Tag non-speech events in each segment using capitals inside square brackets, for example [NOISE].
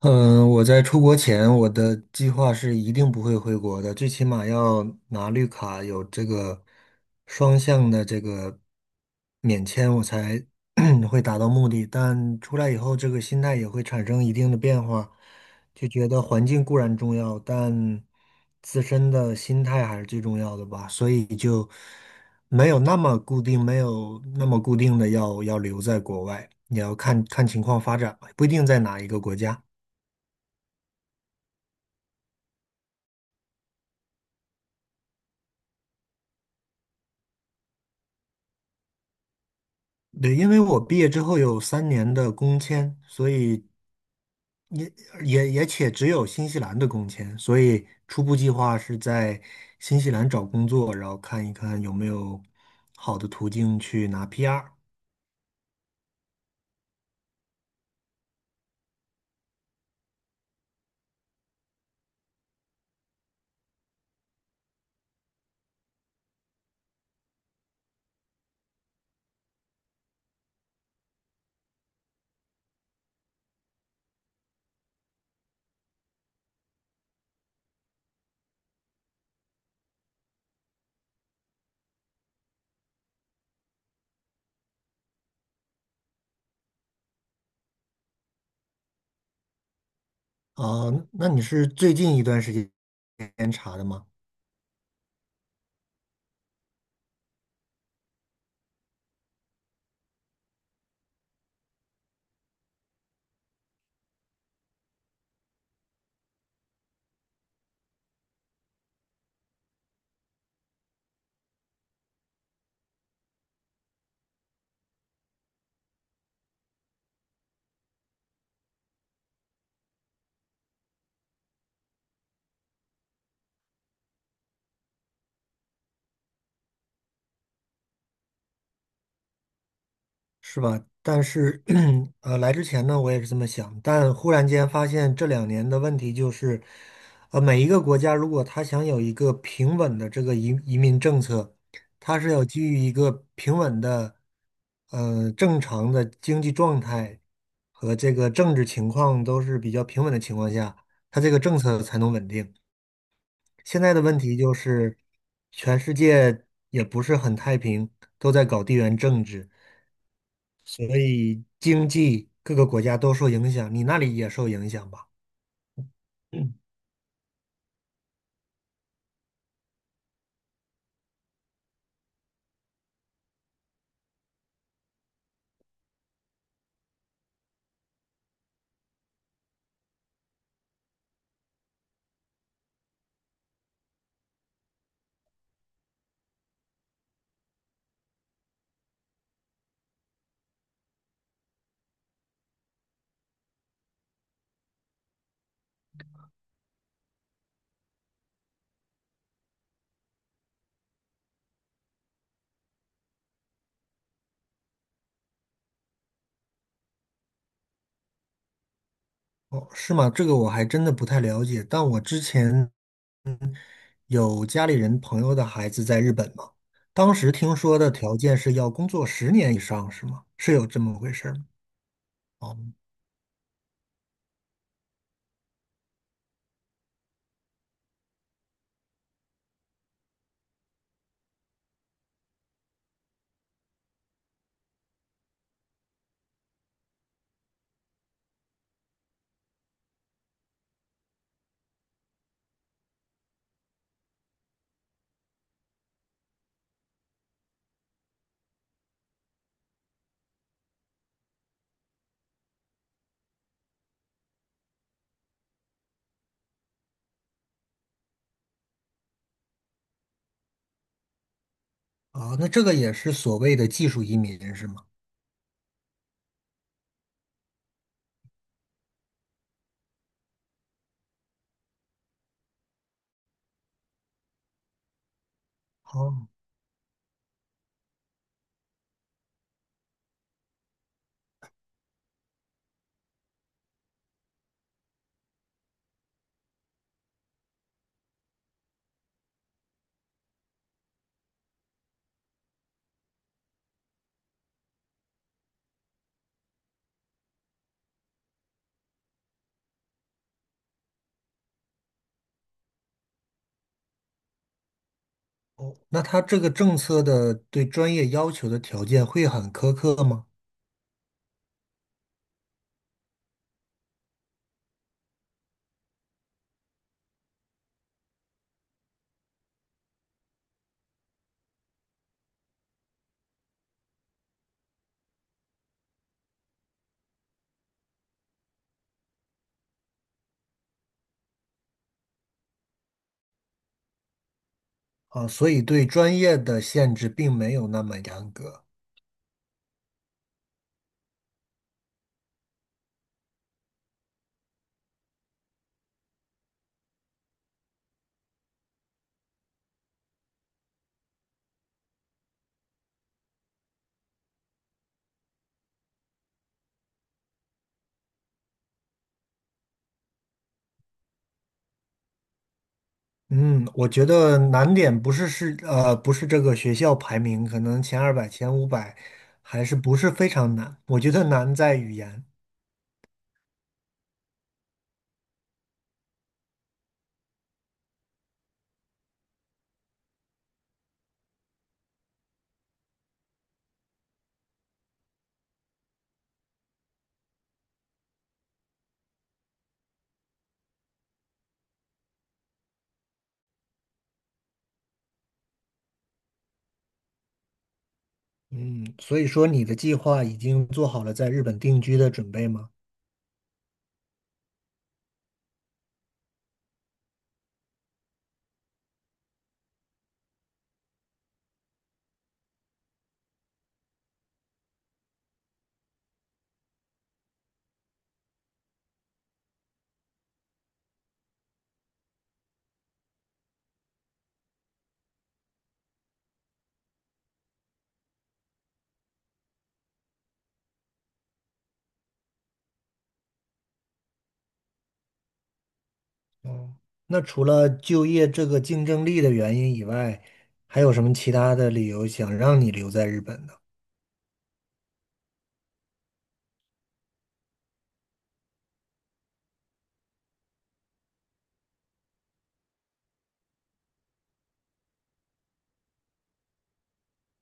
嗯，我在出国前，我的计划是一定不会回国的，最起码要拿绿卡，有这个双向的这个免签，我才 [CLEARS THROAT] 会达到目的。但出来以后，这个心态也会产生一定的变化，就觉得环境固然重要，但自身的心态还是最重要的吧。所以就没有那么固定，没有那么固定的要留在国外，也要看看情况发展吧，不一定在哪一个国家。对，因为我毕业之后有3年的工签，所以也也且只有新西兰的工签，所以初步计划是在新西兰找工作，然后看一看有没有好的途径去拿 PR。啊、那你是最近一段时间查的吗？是吧？但是，[CLEARS THROAT] 来之前呢，我也是这么想，但忽然间发现这两年的问题就是，呃，每一个国家如果他想有一个平稳的这个移民政策，他是要基于一个平稳的，呃，正常的经济状态和这个政治情况都是比较平稳的情况下，它这个政策才能稳定。现在的问题就是，全世界也不是很太平，都在搞地缘政治。所以经济各个国家都受影响，你那里也受影响吧？嗯哦，是吗？这个我还真的不太了解，但我之前有家里人朋友的孩子在日本嘛，当时听说的条件是要工作10年以上，是吗？是有这么回事儿吗？哦，啊，那这个也是所谓的技术移民，是吗？哦，哦，那他这个政策的对专业要求的条件会很苛刻吗？啊，所以对专业的限制并没有那么严格。嗯，我觉得难点不是这个学校排名，可能前200、前500还是不是非常难。我觉得难在语言。嗯，所以说你的计划已经做好了在日本定居的准备吗？哦。那除了就业这个竞争力的原因以外，还有什么其他的理由想让你留在日本呢？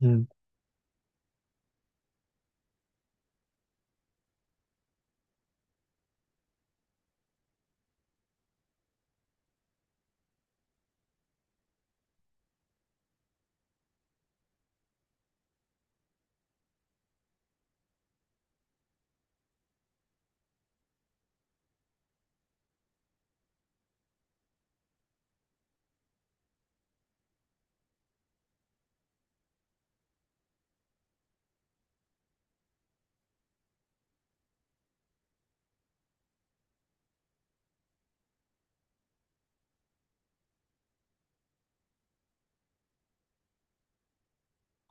嗯。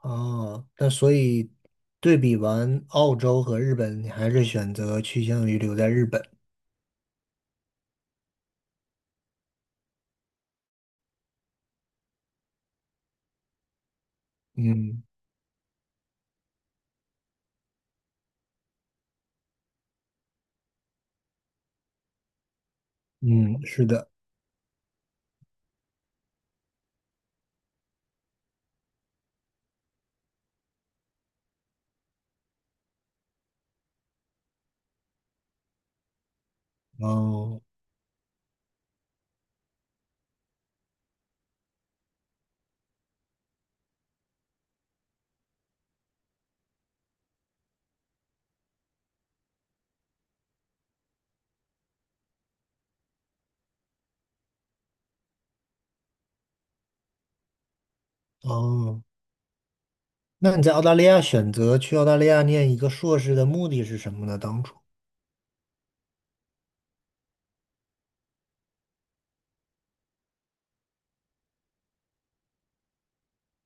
哦，那所以对比完澳洲和日本，你还是选择趋向于留在日本。嗯嗯，是的。哦哦，那你在澳大利亚选择去澳大利亚念一个硕士的目的是什么呢？当初，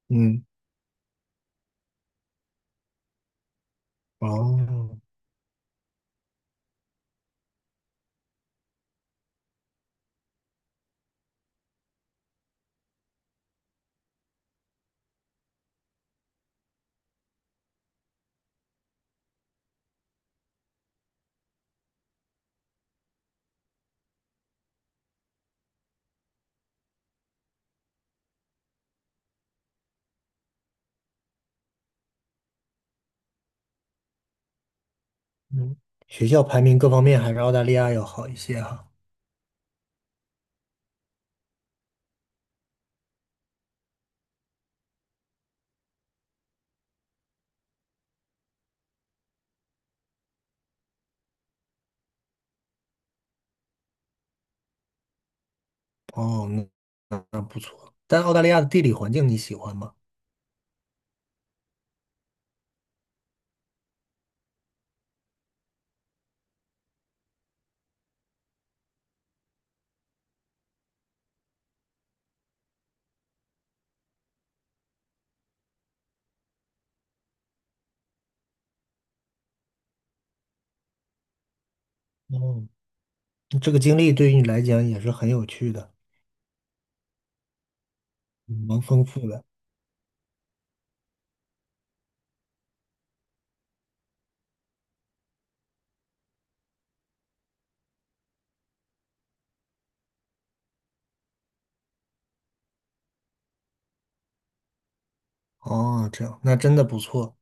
嗯，哦，嗯，学校排名各方面还是澳大利亚要好一些哈。哦，那但澳大利亚的地理环境你喜欢吗？哦，这个经历对于你来讲也是很有趣的，蛮丰富的。哦，这样，那真的不错。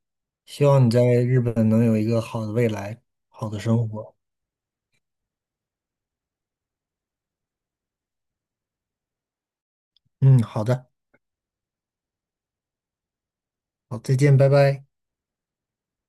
希望你在日本能有一个好的未来，好的生活。嗯，好的，好，再见，拜拜。